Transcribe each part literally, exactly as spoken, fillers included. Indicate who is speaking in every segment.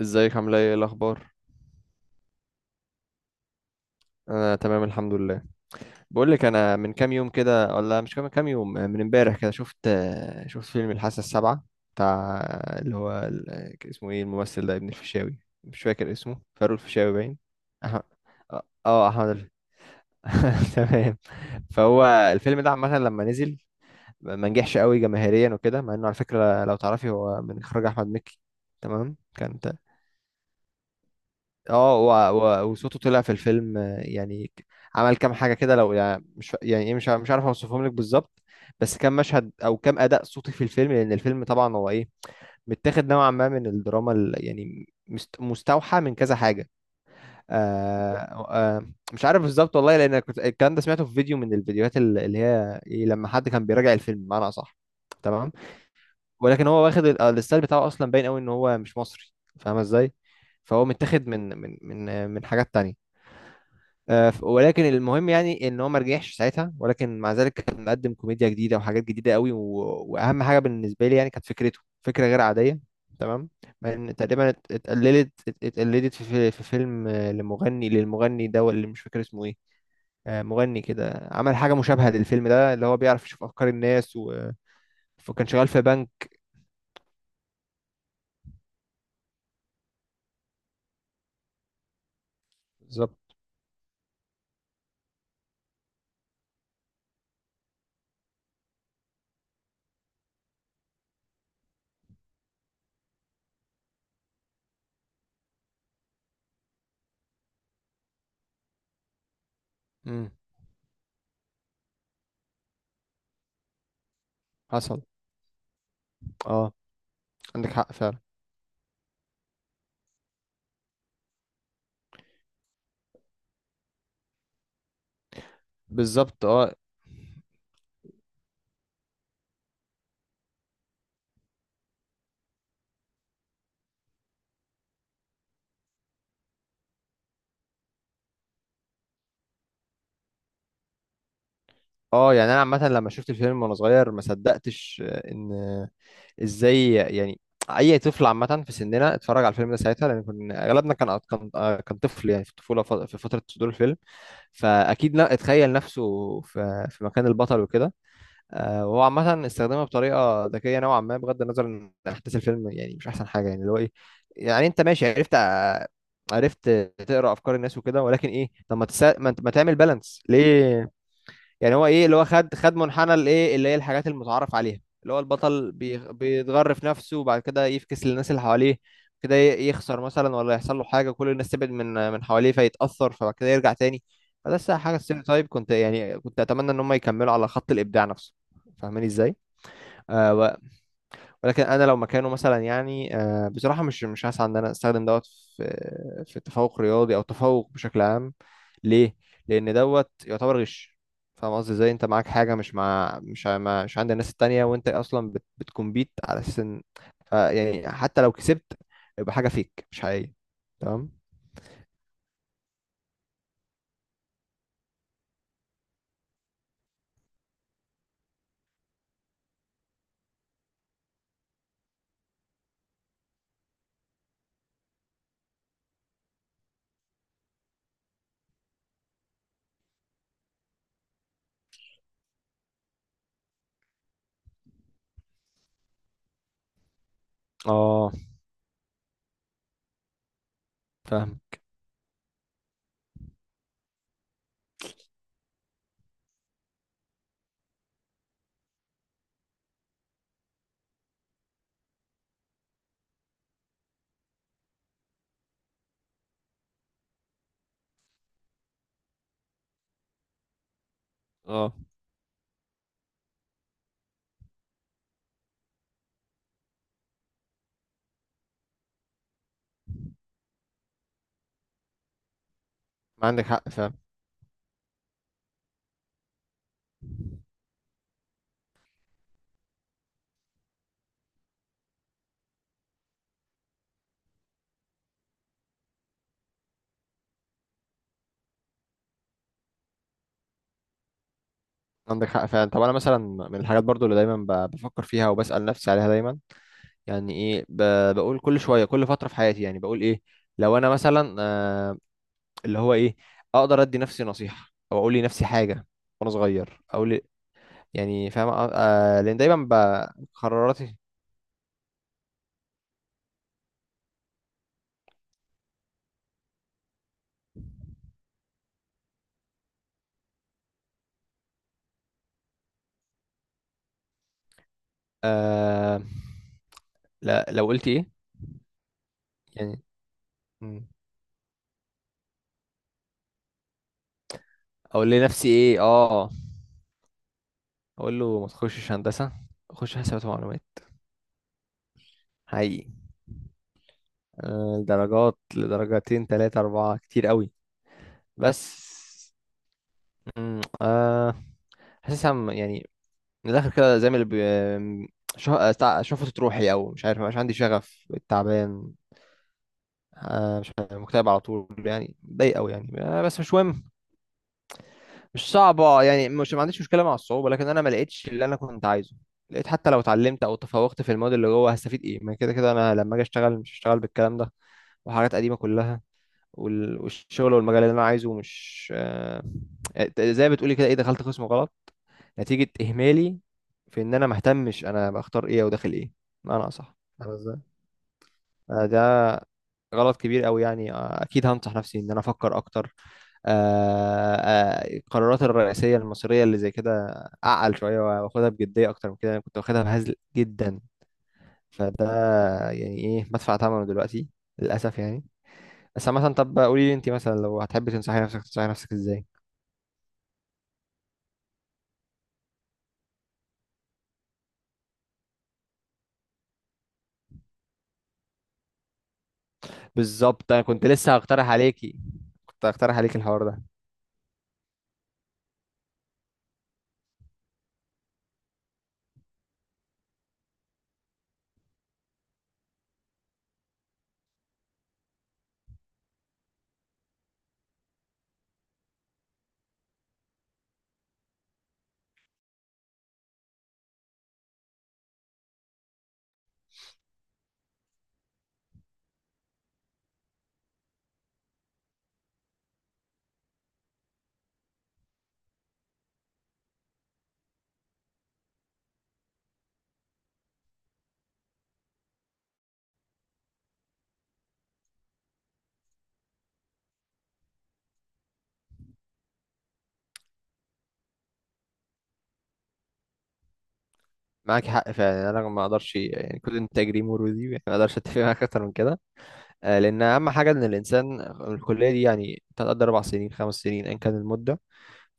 Speaker 1: ازيك، عامله ايه؟ ايه الاخبار؟ انا تمام الحمد لله. بقول لك، انا من كام يوم كده، ولا مش كام كام يوم من امبارح كده، شفت شفت فيلم الحاسه السابعه بتاع اللي هو ال- اسمه ايه الممثل ده، ابن الفيشاوي، مش فاكر اسمه، فاروق الفيشاوي باين. أح- اه، آه، احمد الف... تمام. فهو الفيلم ده عامه لما نزل ما نجحش قوي جماهيريا وكده، مع انه على فكره لو تعرفي هو من اخراج احمد مكي. تمام كان، اه، و- و- وصوته طلع في الفيلم، آه، يعني ك- عمل كام حاجه كده، لو يعني مش يعني ايه، مش ع- مش عارف اوصفهم لك بالظبط، بس كام مشهد او كام اداء صوتي في الفيلم، لان الفيلم طبعا هو ايه، متاخد نوعا ما من الدراما ال- يعني مست- مستوحى من كذا حاجه. آه آه مش عارف بالظبط والله، لان كنت الكلام ده سمعته في فيديو من الفيديوهات ال- اللي هي إيه، لما حد كان بيراجع الفيلم بمعنى اصح. تمام، ولكن هو واخد ال- آه، الستايل بتاعه اصلا باين قوي ان هو مش مصري، فاهمه ازاي؟ فهو متاخد من من من آه، من حاجات تانية. آه، ف- ولكن المهم، يعني ان هو ما رجعش ساعتها، ولكن مع ذلك كان مقدم كوميديا جديده وحاجات جديده قوي، و... واهم حاجه بالنسبه لي، يعني كانت فكرته، فكره غير عاديه، تمام. من تقريبا ات- اتقلدت ات- اتقلدت في, في في فيلم، آه، لمغني للمغني ده اللي مش فاكر اسمه ايه. آه، مغني كده عمل حاجه مشابهه للفيلم ده، اللي هو بيعرف يشوف افكار الناس، و... وكان شغال في بنك. بالظبط. امم، حصل. اه، عندك حق فعلا. بالظبط. اه، اه، يعني انا عامه لما شفت الفيلم وانا صغير ما صدقتش، آه، ان ازاي يعني اي طفل عامه في سننا اتفرج على الفيلم ده ساعتها، لان كنا اغلبنا كان كان آه، كان طفل، يعني في الطفوله، ف- في فتره صدور الفيلم، فاكيد لا اتخيل نفسه في في مكان البطل وكده. آه، وهو عامه استخدمها بطريقه ذكيه نوعا ما، بغض النظر ان احداث الفيلم يعني مش احسن حاجه، يعني اللي هو ايه، يعني انت ماشي، عرفت آه، عرفت تقرا افكار الناس وكده، ولكن ايه؟ طب ما تسا... ما انت- ما تعمل بالانس ليه؟ يعني هو ايه اللي هو، خد خد منحنى الايه اللي هي الحاجات المتعارف عليها، اللي هو البطل بيغ- بيتغرف نفسه وبعد كده يفكس للناس اللي حواليه، كده ي- يخسر مثلا، ولا يحصل له حاجه، كل الناس تبعد من من حواليه فيتاثر، فبعد كده يرجع تاني. فده الصراحة حاجه ستيريوتايب، كنت يعني كنت اتمنى ان هم يكملوا على خط الابداع نفسه، فاهماني ازاي؟ آه ولكن انا لو مكانه مثلا، يعني آه، بصراحه مش مش هسعى ان انا استخدم دوت في في التفوق رياضي او التفوق بشكل عام. ليه؟ لان دوت يعتبر غش. فاهم قصدي ازاي؟ انت معاك حاجه مش مع مش ع- ما- مش عند الناس التانية، وانت اصلا بت بتكمبيت على اساس ان، آه، يعني حتى لو كسبت يبقى حاجه فيك مش حقيقيه، تمام. اه، فاهم. اه، ما عندك حق، فاهم. عندك حق فعلا. طب انا مثلا من الحاجات برضو اللي دايما ب- بفكر فيها وبسأل نفسي عليها دايما، يعني ايه ب... بقول كل شويه، كل فتره في حياتي، يعني بقول ايه لو انا مثلا آه اللي هو ايه اقدر ادي نفسي نصيحه او اقول لنفسي حاجه وانا صغير او ل... يعني فاهم آه آه، لان دايما ب... قراراتي. آه لا، لو قلت ايه يعني، مم. اقول لنفسي ايه؟ اه، اقول له ما تخشش هندسه، خش حسابات ومعلومات، حقيقي. آه، درجات، لدرجتين تلاتة أربعة كتير قوي. بس مم، آه حاسسها م- يعني من الاخر كده زي ما اللي بي... شه... تع- شفت روحي، او مش عارف، مش عندي شغف، تعبان، آه، مش عارف، مكتئب على طول، يعني ضايق قوي، يعني آه، بس مش مهم. مش صعبه، يعني مش ما عنديش مشكله مع الصعوبه، لكن انا ما لقيتش اللي انا كنت عايزه. لقيت حتى لو اتعلمت او تفوقت في الماضي، اللي جوه هستفيد ايه؟ ما كده كده انا لما اجي اشتغل مش هشتغل بالكلام ده وحاجات قديمه كلها. وال- والشغل والمجال اللي انا عايزه مش، آه، آه، زي ما بتقولي كده، ايه، دخلت قسم غلط نتيجة إهمالي في إن أنا مهتمش أنا بختار إيه أو داخل إيه، بمعنى أصح، فاهم إزاي؟ آه، ده غلط كبير أوي، يعني آه، أكيد هنصح نفسي إن أنا أفكر أكتر، آه، آه، القرارات الرئيسية المصيرية اللي زي كده، أعقل شوية وآخدها بجدية أكتر من كده، أنا كنت واخدها بهزل جدا. فده يعني إيه بدفع ثمنه دلوقتي، للأسف يعني. بس مثلا طب قولي لي، أنت مثلا لو هتحبي تنصحي نفسك تنصحي نفسك إزاي؟ بالظبط، أنا كنت لسه هقترح عليكي، كنت هقترح عليكي الحوار ده. معاك حق فعلا، يعني انا ما اقدرش يعني كل انتاج ليه مرودي، يعني ما اقدرش اتفق معاك اكتر من كده. آه، لان اهم حاجه ان الانسان الكليه دي يعني تقدر اربع سنين خمس سنين ان كان المده،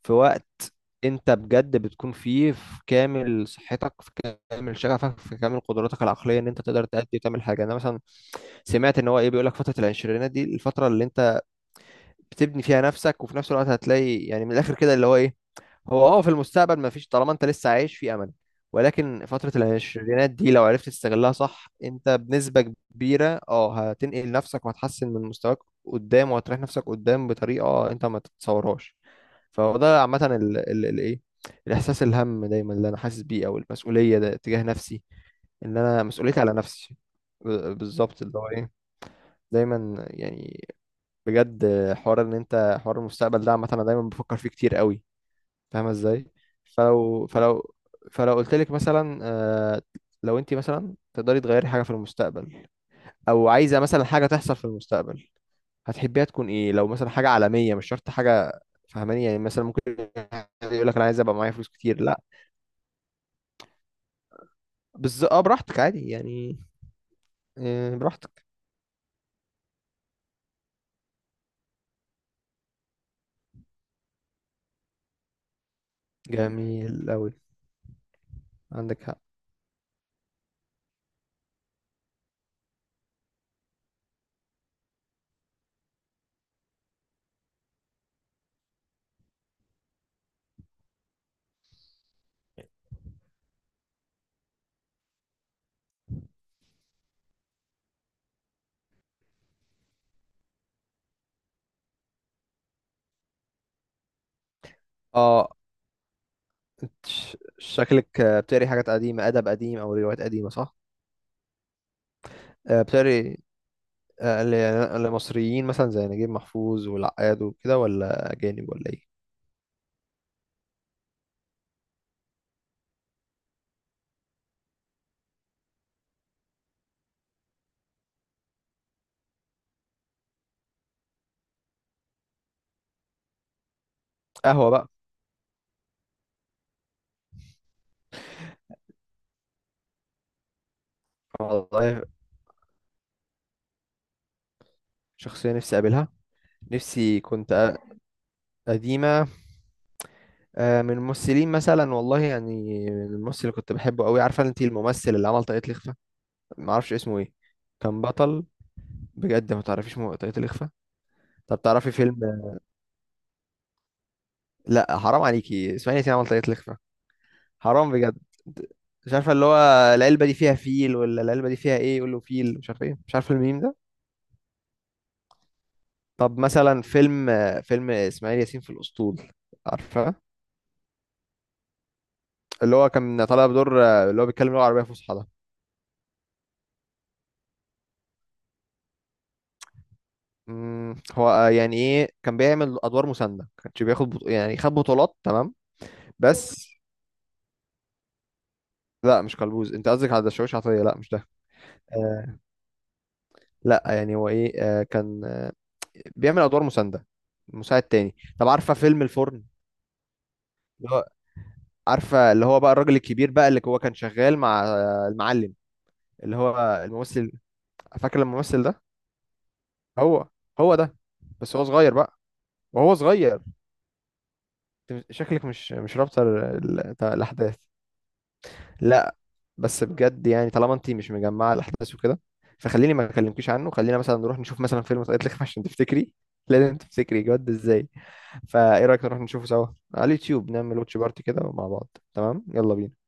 Speaker 1: في وقت انت بجد بتكون فيه في كامل صحتك، في كامل شغفك، في كامل قدراتك العقليه، ان انت تقدر تأدي وتعمل حاجه. انا مثلا سمعت ان هو ايه، بيقول لك فتره العشرينات دي الفتره اللي انت بتبني فيها نفسك، وفي نفس الوقت هتلاقي يعني من الاخر كده، اللي هو ايه، هو اه في المستقبل ما فيش طالما انت لسه عايش في امل، ولكن فترة العشرينات دي لو عرفت تستغلها صح انت بنسبة كبيرة اه هتنقل نفسك وهتحسن من مستواك قدام، وهتريح نفسك قدام بطريقة انت ما تتصورهاش. فهو ده عامة ال- ال- ال- ايه الاحساس، الهم دايما اللي انا حاسس بيه او المسؤولية ده تجاه نفسي، ان انا مسؤوليتي على نفسي، ب- بالظبط اللي هو ايه، دايما يعني، بجد. حوار ان انت، حوار المستقبل ده عامه انا دايما بفكر فيه كتير قوي، فاهمه ازاي؟ فلو فلو فلو قلت لك مثلا، آه، لو انت مثلا تقدري تغيري حاجه في المستقبل او عايزه مثلا حاجه تحصل في المستقبل هتحبيها تكون ايه؟ لو مثلا حاجه عالميه مش شرط حاجه، فاهماني يعني؟ مثلا ممكن حد يقول لك انا عايز ابقى معايا فلوس كتير، لا، بس اه براحتك عادي يعني. آه، براحتك. جميل قوي. عندك حق. اه، انت ش- شكلك، آه، بتقري حاجات قديمه، ادب قديم او روايات قديمه، صح؟ آه، بتاري، آه، اللي اللي مصريين مثلا زي نجيب محفوظ والعقاد وكده، ولا أجانب، ولا إيه؟ قهوة بقى. والله، شخصية نفسي أقابلها. نفسي كنت أ- قديمة، آه، من الممثلين مثلا، والله يعني من الممثل اللي كنت بحبه قوي، عارفة أنت الممثل اللي عمل طاقية الإخفاء؟ معرفش اسمه إيه، كان بطل بجد، ما تعرفيش مو- طاقية الإخفاء؟ طب تعرفي فيلم، لا حرام عليكي اسمعي، انت عمل طاقية الإخفاء، حرام بجد. مش عارفه اللي هو العلبه دي فيها فيل، ولا العلبه دي فيها ايه، يقول له فيل مش عارف ايه، مش عارف الميم ده. طب مثلا فيلم فيلم اسماعيل ياسين في الاسطول، عارفه اللي هو كان طالع بدور اللي هو بيتكلم لغه عربيه فصحى ده؟ أمم، هو، آه، يعني ايه كان بيعمل ادوار مسانده، كانش بياخد بط... يعني خد بطولات، تمام. بس لا، مش كلبوز، انت قصدك على الشاويش عطيه، لا مش ده. آه لا، يعني هو ايه آه كان، آه، بيعمل ادوار مسانده مساعد تاني. طب عارفه فيلم الفرن؟ عارفه اللي هو بقى الراجل الكبير، بقى اللي هو كان شغال مع المعلم، اللي هو الممثل، فاكر الممثل ده؟ هو هو ده، بس هو صغير بقى، وهو صغير. أنت شكلك مش مش رابطه ال- ال- الاحداث، لا. بس بجد، يعني طالما انت مش مجمعه الاحداث وكده، فخليني ما اكلمكيش عنه، خلينا مثلا نروح نشوف مثلا فيلم سقط لك عشان تفتكري، لازم تفتكري جد ازاي. فايه رايك نروح نشوفه سوا على اليوتيوب، نعمل واتش بارتي كده مع بعض، تمام، يلا بينا.